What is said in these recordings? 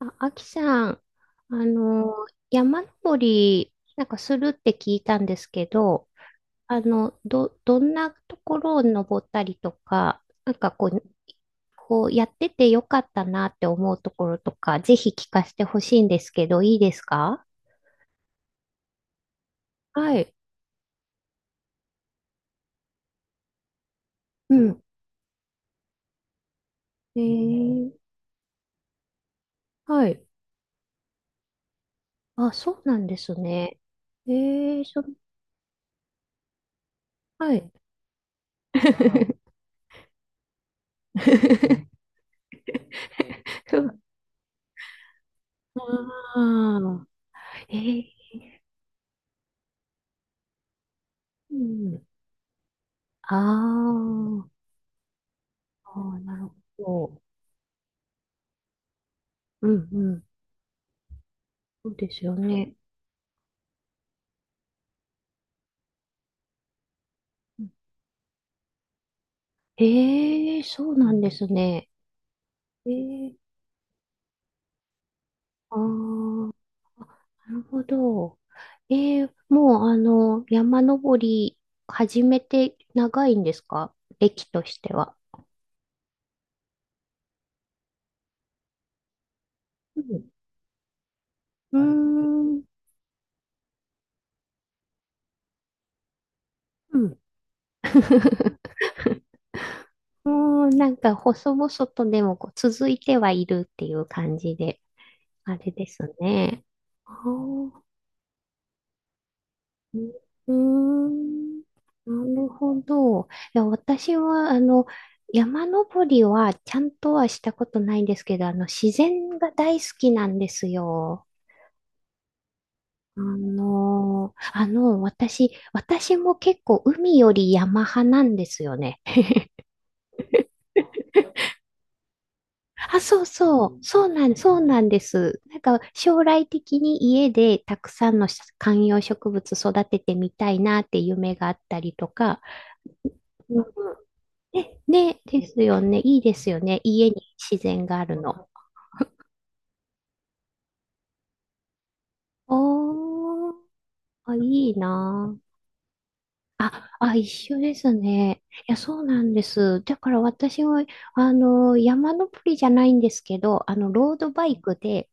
あ、あきさん、あの、山登り、なんかするって聞いたんですけど、どんなところを登ったりとか、なんかこう、こうやっててよかったなって思うところとか、ぜひ聞かせてほしいんですけど、いいですか？はい。うん。えー、はい。あ、そうなんですね。えー、そ、はい。ああ、えー、うん。ああ。ああ、なるほど、う。んうん。そうですよね。え、へえ、そうなんですね。ええ、ああ、なるほど。ええ、もう山登り始めて長いんですか、歴としては？うん。うーん。うん。もうなんか細々とでもこう続いてはいるっていう感じで、あれですね。ああ。うーん、なるほど。いや、私は、山登りはちゃんとはしたことないんですけど、自然が大好きなんですよ。私も結構海より山派なんですよね。あ、そうそう、そうなんです。なんか将来的に家でたくさんの観葉植物育ててみたいなって夢があったりとか、ね、ですよね。いいですよね。家に自然があるの。おー、あ、いいなあ。一緒ですね。いや、そうなんです。だから私は、山登りじゃないんですけど、ロードバイクで、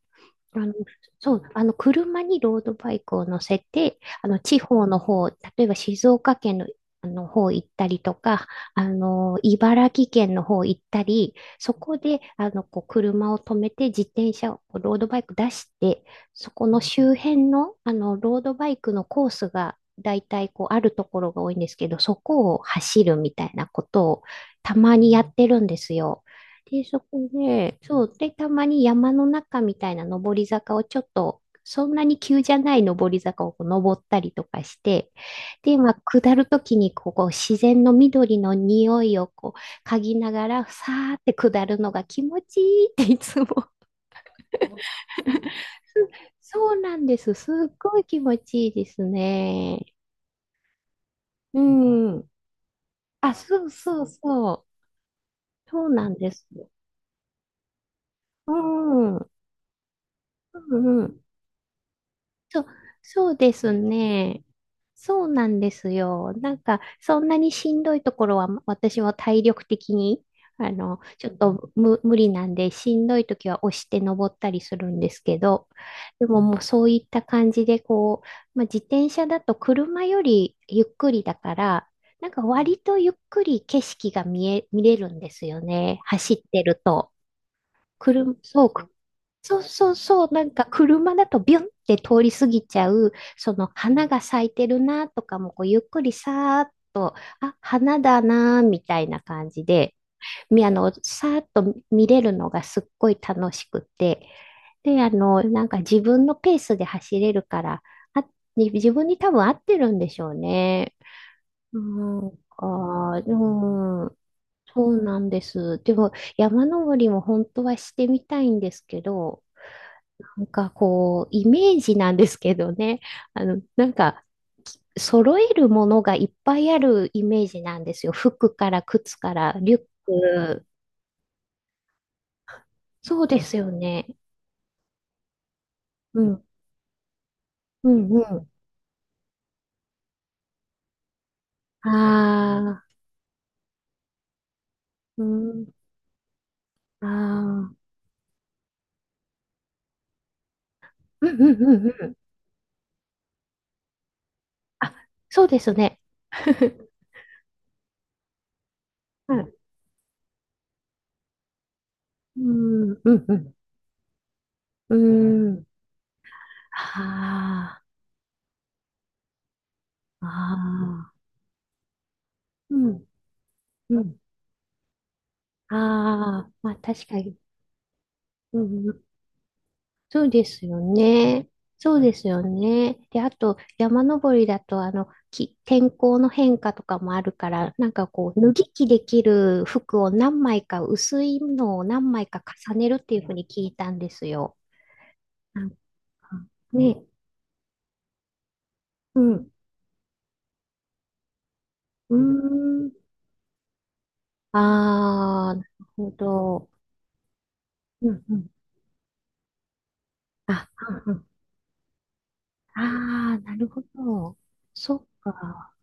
あの、車にロードバイクを乗せて、地方の方、例えば静岡県の、あの方行ったりとか、茨城県の方行ったり、そこで、こう、車を止めて、自転車を、こうロードバイク出して、そこの周辺の、ロードバイクのコースが、だいたい、こう、あるところが多いんですけど、そこを走るみたいなことを、たまにやってるんですよ。で、そこで、で、たまに山の中みたいな登り坂をちょっと、そんなに急じゃない登り坂をこう登ったりとかして、で、まあ、下るときにこう、自然の緑の匂いをこう、嗅ぎながら、さーって下るのが気持ちいいっていつも。そうなんです。すっごい気持ちいいですね。うん。あ、そうそうそう。そうなんです。うん。うんうん。そう、そうですね。そうなんですよ。なんか、そんなにしんどいところは、私は体力的に、ちょっと無理なんで、しんどい時は押して登ったりするんですけど、でももうそういった感じで、こう、まあ、自転車だと車よりゆっくりだから、なんか割とゆっくり景色が見れるんですよね。走ってると。車、そう、くそうそうそう、なんか車だとビュンって通り過ぎちゃう、その花が咲いてるなとかも、こうゆっくりさーっと、あ、花だなーみたいな感じで、み、あの、さーっと見れるのがすっごい楽しくて、で、なんか自分のペースで走れるから、あ、自分に多分合ってるんでしょうね。うんか、うん。そうなんです。でも山登りも本当はしてみたいんですけど、なんかこう、イメージなんですけどね、なんか、揃えるものがいっぱいあるイメージなんですよ。服から靴からリュック。そうですよね。うん、うん、うん。ああ、うん、ああ、うん、うん、うん、うん。あ、そうですね。うん、うん、うん、うん。うん。ああ、ああ。うん、うん。ああ、まあ確かに。うん、うん、そうですよね。そうですよね。で、あと、山登りだと、天候の変化とかもあるから、なんかこう、脱ぎ着できる服を何枚か、薄いのを何枚か重ねるっていうふうに聞いたんですよ。なんか、ね。うん。うーん。ああ、なるほど。うんうん。あ、うんうん。ああ、なるほど。そっか。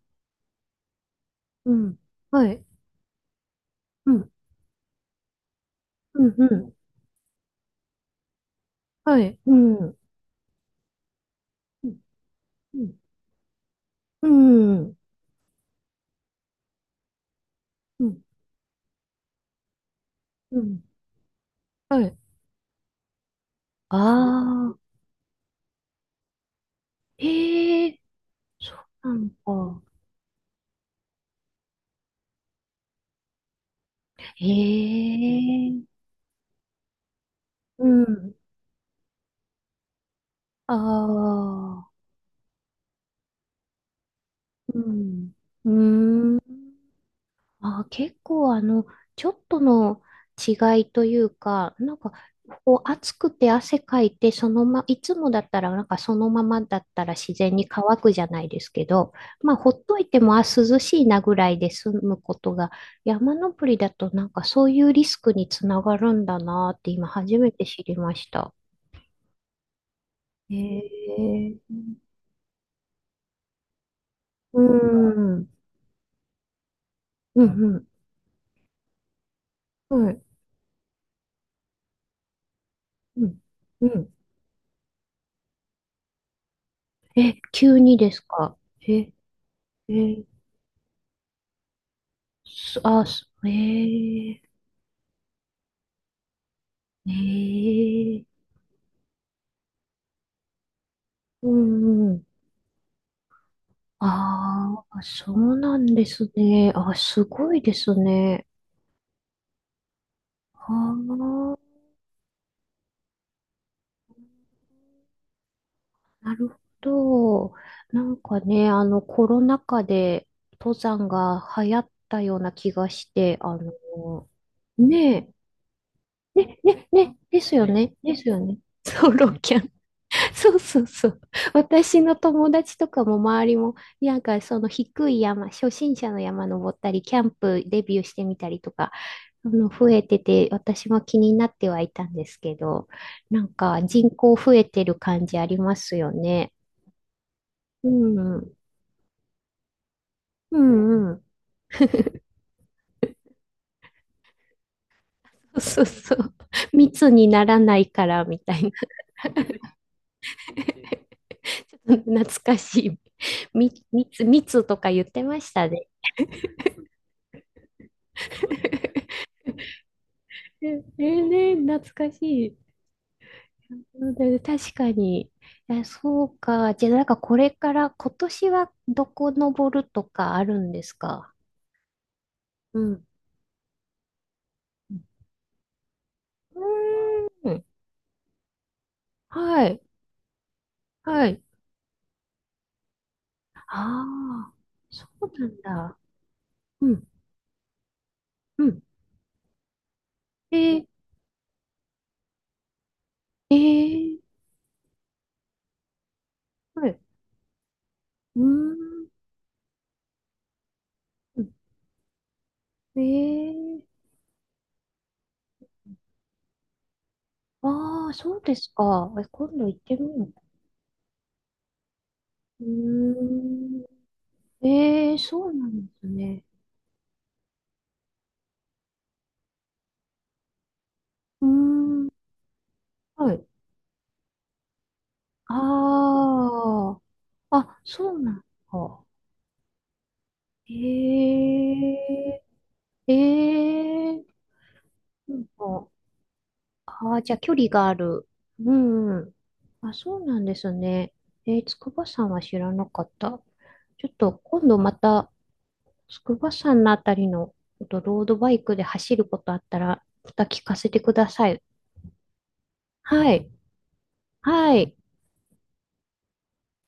うん。はい。うん。うん。うん。はい。うん。うん。うん。うん。うん。うん。はい。ああ。ええ、そうなんだ。ええ。うん。ああ。うん。うーん。あー、結構ちょっとの違いというか、なんか、こう暑くて汗かいて、いつもだったら、なんかそのままだったら自然に乾くじゃないですけど、まあ、ほっといても、あ、涼しいなぐらいで済むことが、山登りだとなんかそういうリスクにつながるんだなって今初めて知りました。へえ。うん、うん、うん、はい。うん、うん。え、急にですか？え、え、すあ、すええええうんうん。ああ、そうなんですね。あ、すごいですね。ああ、なるほど。なんかね、コロナ禍で登山が流行ったような気がして、ねえ、ね、ね、ね、ですよね、ですよね。ソロキャン そうそうそう。私の友達とかも周りも、なんかその低い山、初心者の山登ったり、キャンプデビューしてみたりとか、増えてて、私も気になってはいたんですけど、なんか人口増えてる感じありますよね。うん、うんうん。そうそう。密にならないからみたいな。ちょっと懐かしい。密、密とか言ってましたね。え、えね、懐かしい。なので確かに。いやそうか。じゃあ、なんかこれから今年はどこ登るとかあるんですか？うん。うーん。はい。はい。ああ、そうなんだ。うん。うん。えー、えー、はい。うーん。えー、ああ、そうですか。え、今度行ってみよう。うーん。そうなんですね。うーん。はい。ああ。あ、そうなんだ。ええええ、なんか、ああ、じゃあ距離がある。うん、うん。あ、そうなんですね。筑波山は知らなかった。ちょっと今度また筑波山のあたりのちょっとロードバイクで走ることあったら、また聞かせてください。はい。はい。